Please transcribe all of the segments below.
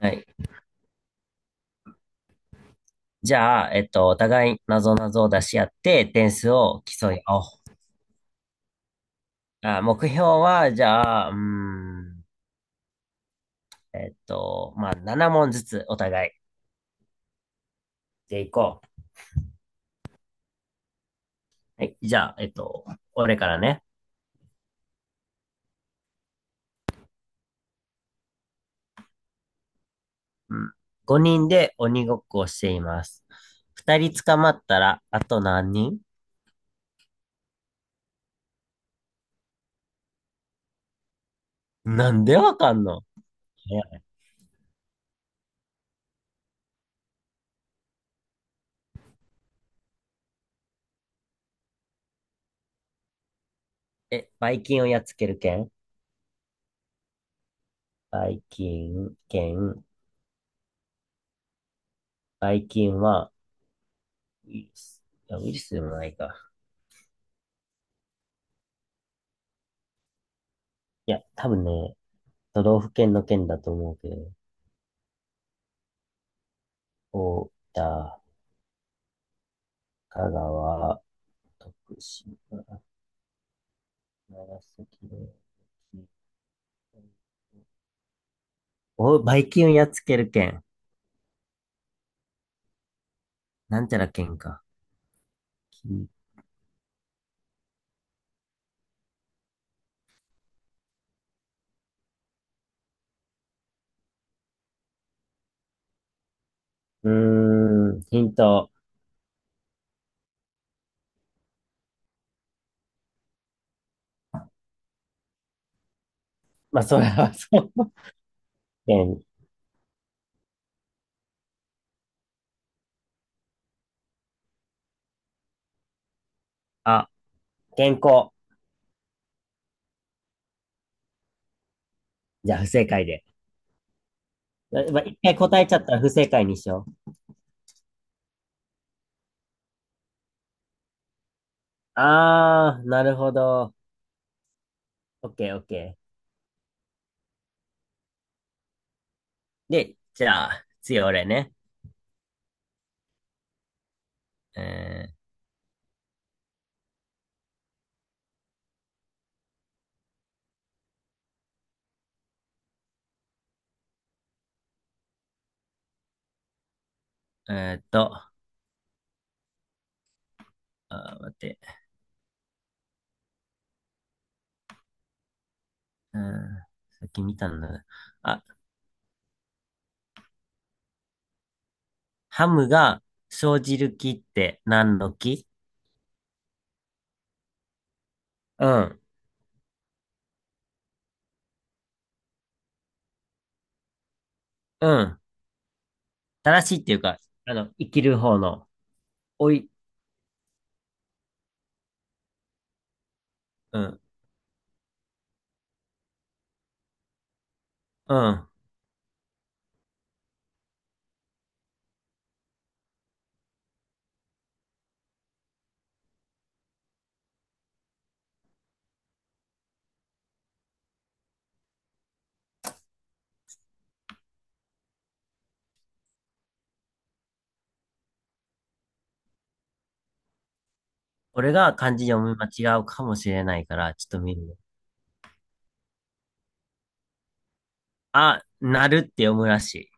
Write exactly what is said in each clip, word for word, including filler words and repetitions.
はい。じゃあ、えっと、お互い謎々を出し合って、点数を競い合おう。あ、目標は、じゃあ、うーん、えっと、まあ、ななもん問ずつお互いでいこう。はい。じゃあ、えっと、俺からね。うん。ごにんで鬼ごっこをしています。ふたり捕まったら、あと何人？なんでわかんの？早い。え、バイキンをやっつける剣？バイキン、剣、バイキンは、ウイルス、いや、ウイルスでもないか。いや、多分ね、都道府県の県だと思うけど、大分、香川、徳島、長崎、お、バイキンをやっつける県。なんちゃら県か。きうーん、ヒント。まあ、それはそう。県。あ、健康。じゃあ、不正解で。なまあいっかい答えちゃったら不正解にしよう。あー、なるほど。オッケー、オッケー。で、じゃあ、次俺ね。えー、えーっと、あー、待って。うん。さっき見たんだ。あ、ハムが生じる木って何の木？うん。うん。正しいっていうか、あの、生きる方の。おい。うん。うん。俺が漢字読み間違うかもしれないから、ちょっと見るね。あ、なるって読むらしい。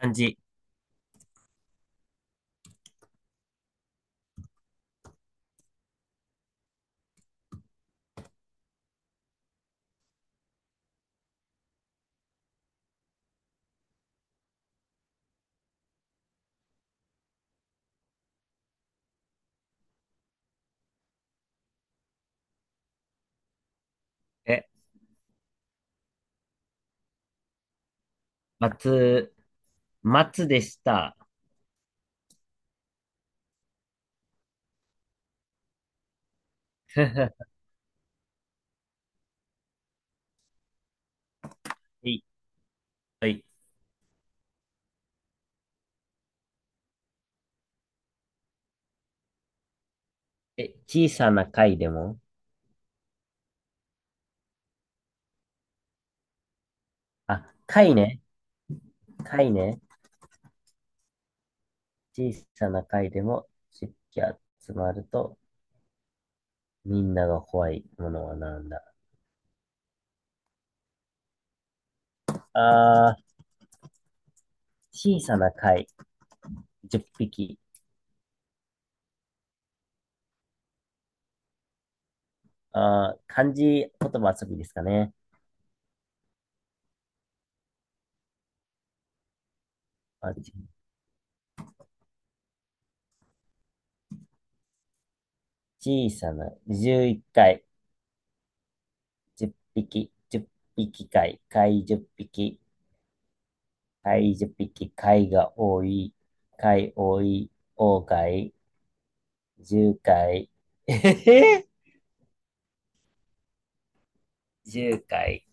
漢字。え、松、松でした。はい。はい。え、小さな貝でも、あ、貝ね。貝ね。小さな貝でも湿気集まると、みんなが怖いものはなんだ？あー、小さな貝、じゅっぴき。あー、漢字言葉遊びですかね。あ、ち小さな、じゅういち貝じゅっぴき、じゅっぴき貝、貝じゅっぴき、貝じゅっぴき、貝が多い、貝多い、大貝、じゅっかい、えへへじゅっかい。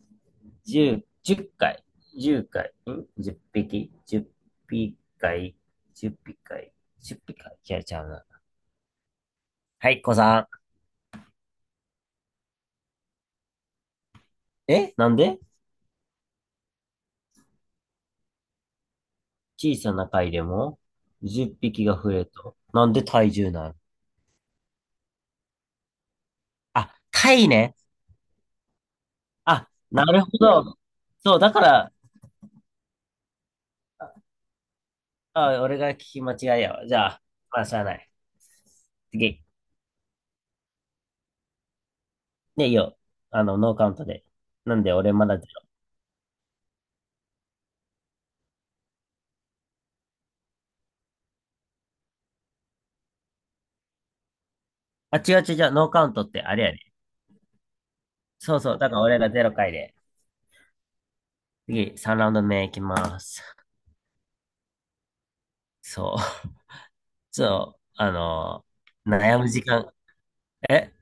じゅう、じゅっかい、じゅっかい、ん ?じゅう 匹、じゅっぴき回、じっぴき回、じゅっぴき回、違うちゃうな。はい、子さん。えなんで小さな貝でもじゅっぴきが増えると。なんで体重なの？あ、貝ね。あ、なるほど。そう、だから、あ、俺が聞き間違いやわ。じゃあ、まあ、しゃあない。次。ね、いいよ。あの、ノーカウントで。なんで俺まだゼロ？あ、違う違う違う、ノーカウントってあれやね。そうそう、だから俺がゼロ回で。次、さんラウンド目いきます。そう。ちょっと、あのー悩む時間。え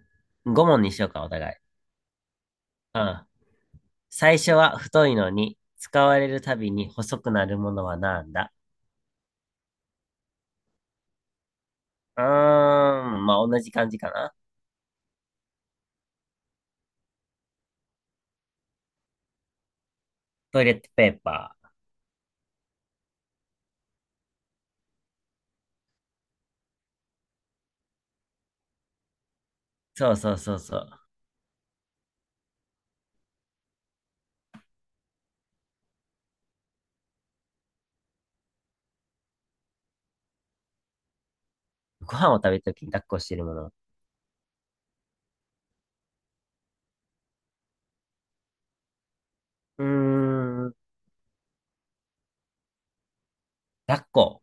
?ご 問にしようか、お互い。うん。最初は太いのに、使われるたびに細くなるものはなんだ？うーん、まあ、同じ感じかな。トイレットペーパー。そうそうそうそう。ご飯を食べるときに抱っこしてるもの。うーん、抱っこ。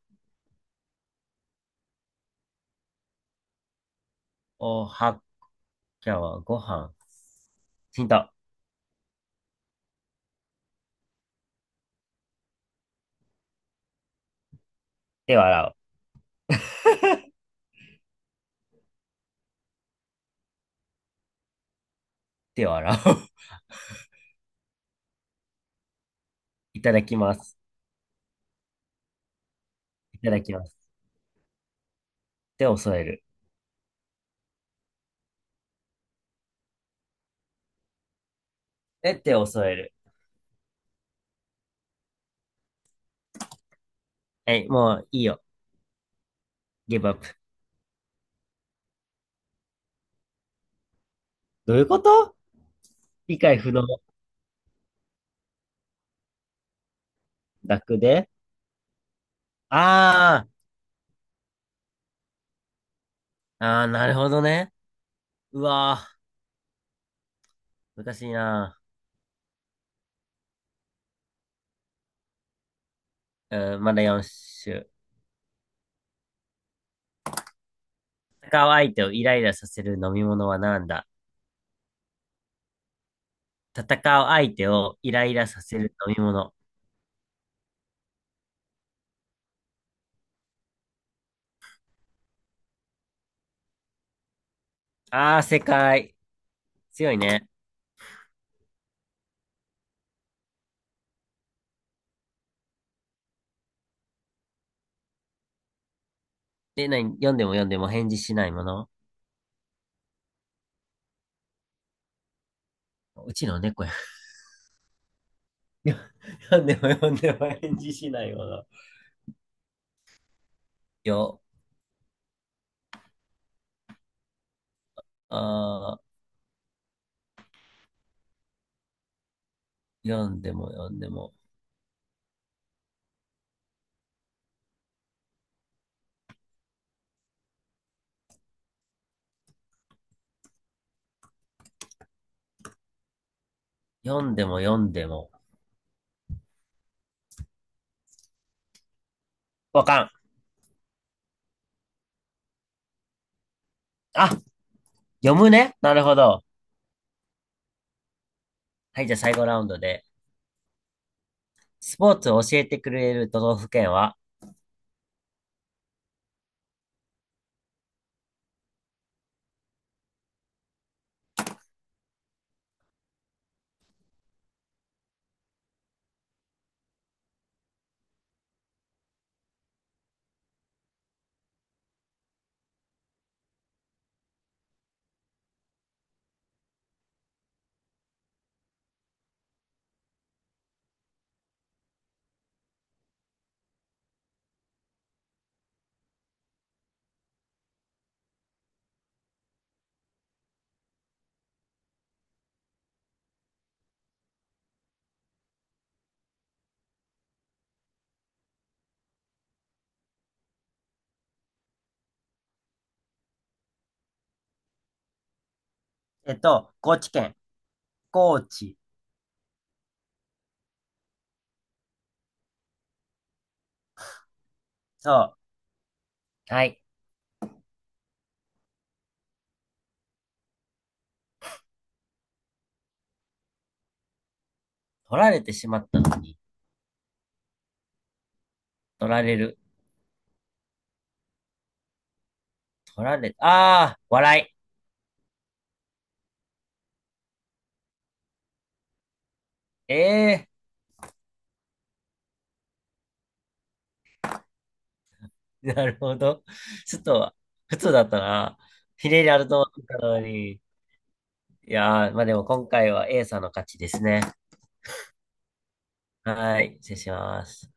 おはきゃはご飯。ヒント。手を洗う。手を洗う。いただきます。いただきます。手を添える。え、手を添える。はい、もういいよ。ギブアップ。どういうこと？理解不能。楽で。あー、あー、なるほどね。うわー、難しいな。うん、まだよん種。戦う相手をイライラさせる飲み物は何だ？戦う相手をイライラさせる飲み物。あー、正解。強いね。で、何？読んでも読んでも返事しないもの？うちの猫や。読んでも読んでも返事しないもの。よ、あー、読んでも読んでも、読んでも読んでも。わかん。あ、読むね。なるほど。はい、じゃあ最後ラウンドで。スポーツを教えてくれる都道府県は？えっと、高知県。高知。そう。はい。取られてしまったのに。取られる。取られ、ああ、笑い。ええー、なるほど。ちょっと、普通だったな。ひねりあると思ったのに。いやー、まあでも今回は A さんの勝ちですね。はい、失礼します。